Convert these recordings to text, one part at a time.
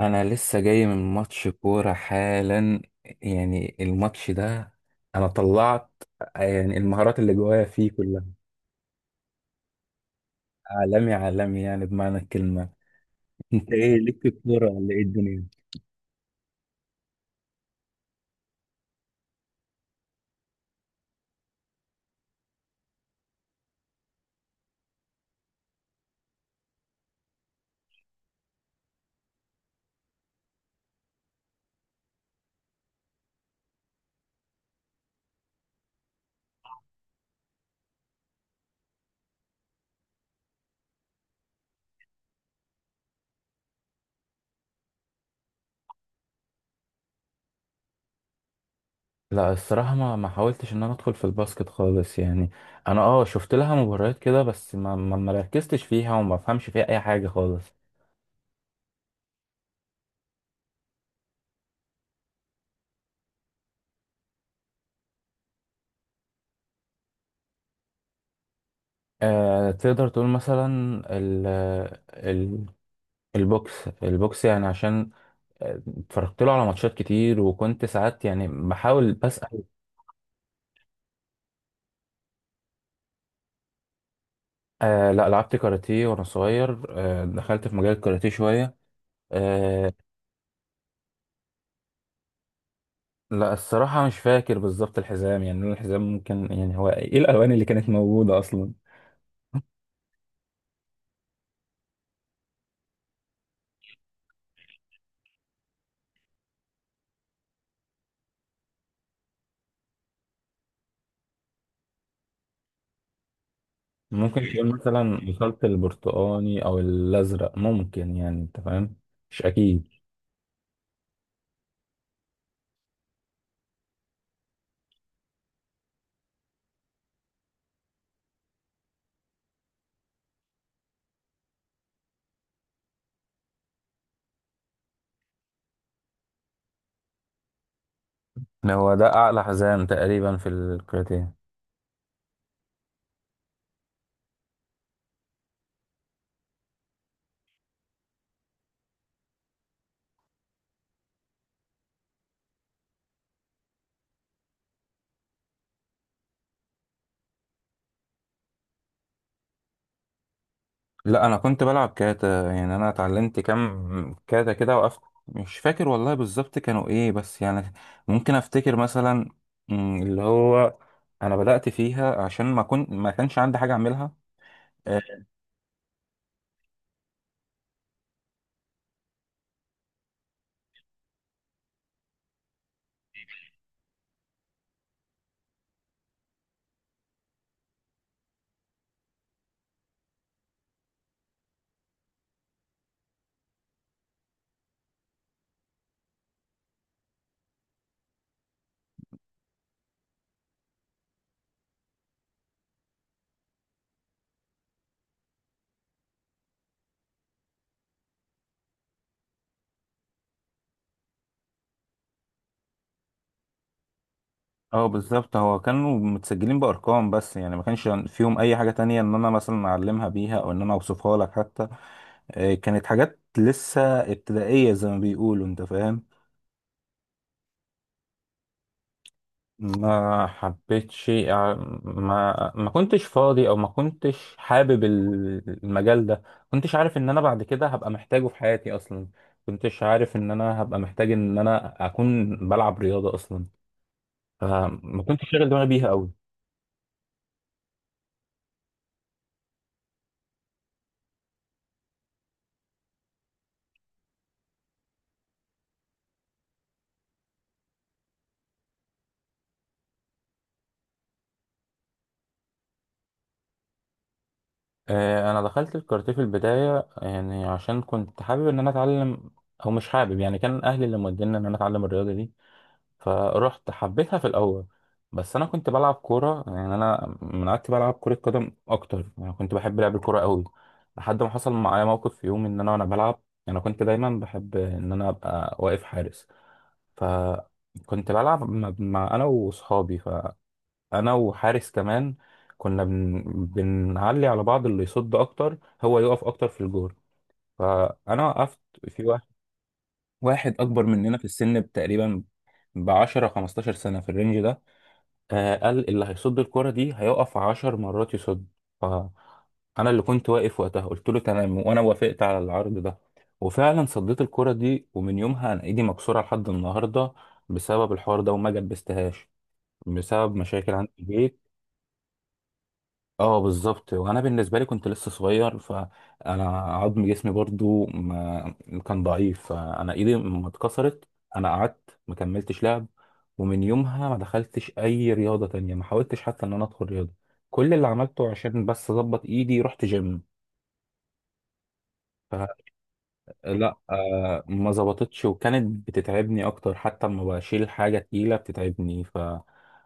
انا لسه جاي من ماتش كوره حالا. يعني الماتش ده انا طلعت، يعني المهارات اللي جوايا فيه كلها. عالمي عالمي، يعني بمعنى الكلمه. انت ايه ليك في الكوره ولا ايه الدنيا؟ لا الصراحه ما حاولتش ان انا ادخل في الباسكت خالص يعني. انا اه شفت لها مباريات كده، بس ما ركزتش فيها وما فهمش فيها اي حاجه خالص. آه، تقدر تقول مثلا ال ال البوكس، يعني عشان اتفرجت له على ماتشات كتير، وكنت ساعات يعني بحاول بسأل. آه لا، لعبت كاراتيه وانا صغير، آه دخلت في مجال الكاراتيه شوية. آه لا الصراحة مش فاكر بالظبط الحزام، يعني لون الحزام ممكن، يعني هو ايه الالوان اللي كانت موجودة اصلا؟ ممكن تقول مثلا وصلت البرتقاني او الازرق، ممكن، يعني انت فاهم. مش اكيد. هو ده اعلى حزام تقريبا في الكاراتيه. لا انا كنت بلعب كاتا، يعني انا اتعلمت كام كاتا كده وقفت. مش فاكر والله بالظبط كانوا ايه، بس يعني ممكن افتكر مثلا، اللي هو انا بدأت فيها عشان ما كنت، ما كانش عندي حاجة اعملها. اه. آه، بالظبط هو كانوا متسجلين بارقام، بس يعني ما كانش فيهم اي حاجة تانية ان انا مثلا اعلمها بيها او ان انا اوصفها لك حتى. آه، كانت حاجات لسه ابتدائية زي ما بيقولوا، انت فاهم. ما حبيتش، ما كنتش فاضي، او ما كنتش حابب المجال ده. ما كنتش عارف ان انا بعد كده هبقى محتاجه في حياتي اصلا. ما كنتش عارف ان انا هبقى محتاج ان انا اكون بلعب رياضة اصلا. فما كنتش شاغل دماغي بيها قوي. آه، انا دخلت الكاراتيه في البداية يعني عشان كنت حابب ان انا اتعلم، او مش حابب يعني، كان اهلي اللي موديني ان انا اتعلم الرياضة دي. فرحت حبيتها في الاول، بس انا كنت بلعب كوره. يعني انا من قعدت بلعب كره قدم اكتر، يعني كنت بحب لعب الكوره قوي لحد ما حصل معايا موقف في يوم ان انا وانا بلعب. انا كنت دايما بحب ان انا ابقى واقف حارس، فكنت بلعب مع، انا واصحابي، فانا وحارس كمان كنا بنعلي على بعض اللي يصد اكتر هو يقف اكتر في الجول. فانا وقفت في واحد، واحد اكبر مننا في السن تقريبا ب 10-15 سنه في الرينج ده. آه قال اللي هيصد الكرة دي هيقف عشر مرات يصد. ف أنا اللي كنت واقف وقتها، قلت له تمام وأنا وافقت على العرض ده. وفعلا صديت الكرة دي، ومن يومها أنا إيدي مكسورة لحد النهاردة بسبب الحوار ده، وما جبستهاش بسبب مشاكل عندي في البيت. اه بالظبط، وانا بالنسبه لي كنت لسه صغير، فانا عظم جسمي برضو ما كان ضعيف، فانا ايدي ما اتكسرت. انا قعدت ما كملتش لعب، ومن يومها ما دخلتش اي رياضه تانية، ما حاولتش حتى ان انا ادخل رياضه. كل اللي عملته عشان بس اظبط ايدي رحت جيم. لا آه ما ظبطتش، وكانت بتتعبني اكتر، حتى لما بشيل حاجه تقيله بتتعبني. فقلت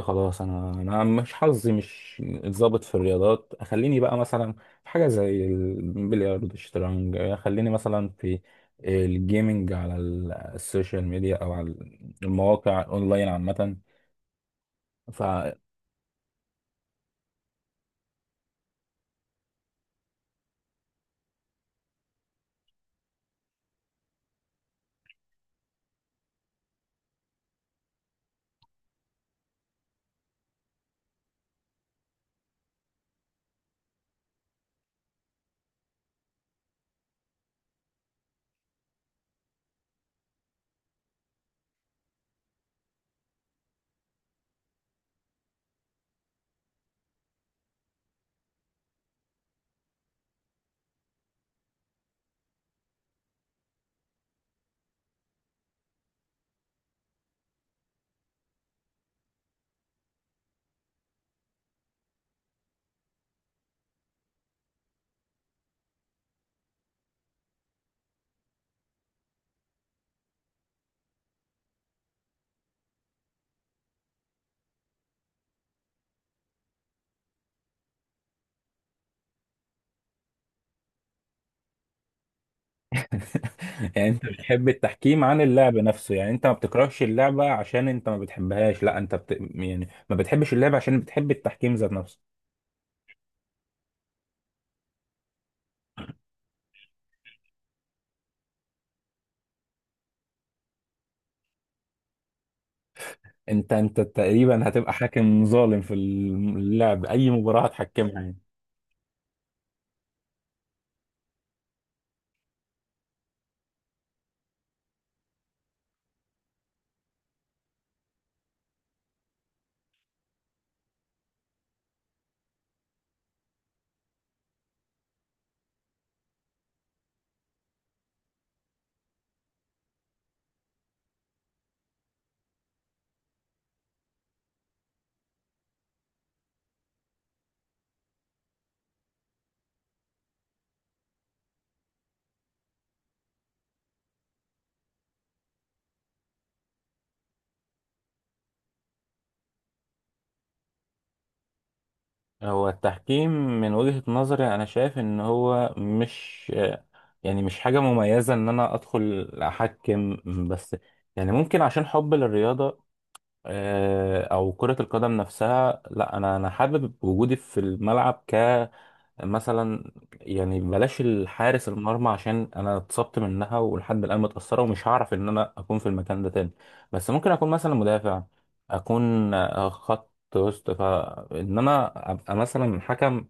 خلاص، انا مش حظي مش اتظبط في الرياضات. خليني بقى مثلا في حاجه زي البلياردو الشطرنج، خليني مثلا في الجيمنج على السوشيال ميديا، او على المواقع اونلاين عامه. يعني انت بتحب التحكيم عن اللعب نفسه؟ يعني انت ما بتكرهش اللعبة عشان انت ما بتحبهاش، لا انت يعني ما بتحبش اللعبة عشان بتحب التحكيم ذات نفسه. انت تقريبا هتبقى حاكم ظالم في اللعب اي مباراة هتحكمها يعني. هو التحكيم من وجهة نظري انا شايف ان هو مش، يعني مش حاجة مميزة ان انا ادخل احكم، بس يعني ممكن عشان حب للرياضة، آه، او كرة القدم نفسها. لا انا انا حابب وجودي في الملعب كمثلا، يعني بلاش الحارس المرمى عشان انا اتصبت منها ولحد الان متأثرة، ومش هعرف ان انا اكون في المكان ده تاني. بس ممكن اكون مثلا مدافع، اكون آه، خط وسط، فان انا ابقى مثلا حكم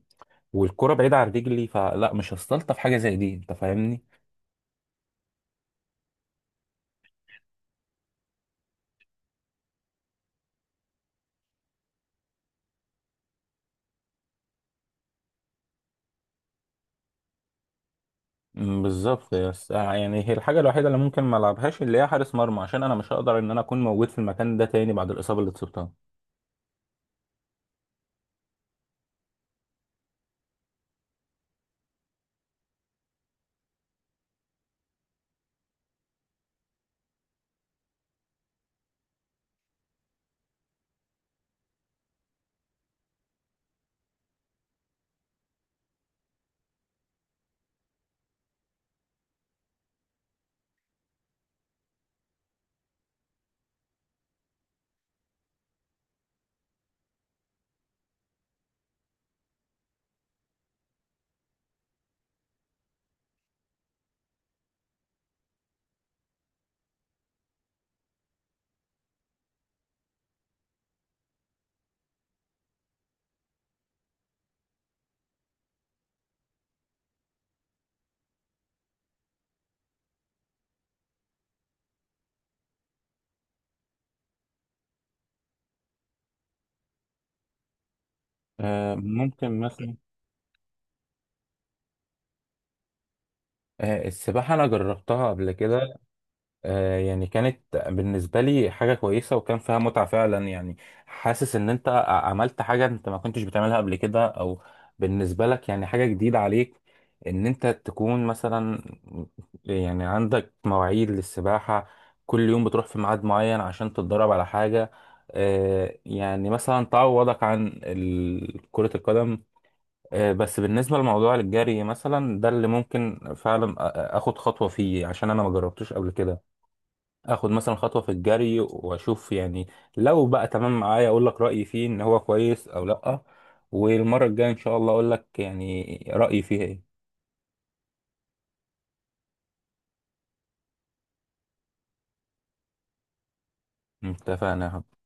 والكرة بعيدة عن رجلي. فلا مش هستلطف حاجة زي دي، انت فاهمني. بالظبط، بس آه، يعني هي الحاجه الوحيده اللي ممكن ما العبهاش اللي هي حارس مرمى، عشان انا مش هقدر ان انا اكون موجود في المكان ده تاني بعد الاصابه اللي اتصبتها. آه، ممكن مثلا، آه، السباحه انا جربتها قبل كده. آه، يعني كانت بالنسبة لي حاجة كويسة وكان فيها متعة فعلا، يعني حاسس ان انت عملت حاجة انت ما كنتش بتعملها قبل كده، او بالنسبة لك يعني حاجة جديدة عليك، ان انت تكون مثلا، يعني عندك مواعيد للسباحة، كل يوم بتروح في ميعاد معين عشان تتدرب على حاجة. آه، يعني مثلا تعوضك عن كرة القدم. آه، بس بالنسبة لموضوع الجري مثلا ده اللي ممكن فعلا اخد خطوة فيه، عشان انا ما جربتوش قبل كده. اخد مثلا خطوه في الجري واشوف يعني. لو بقى تمام معايا اقول لك رايي فيه ان هو كويس او لا، والمره الجايه ان شاء الله اقول لك يعني رايي فيه ايه. اتفقنا يا حبيبي.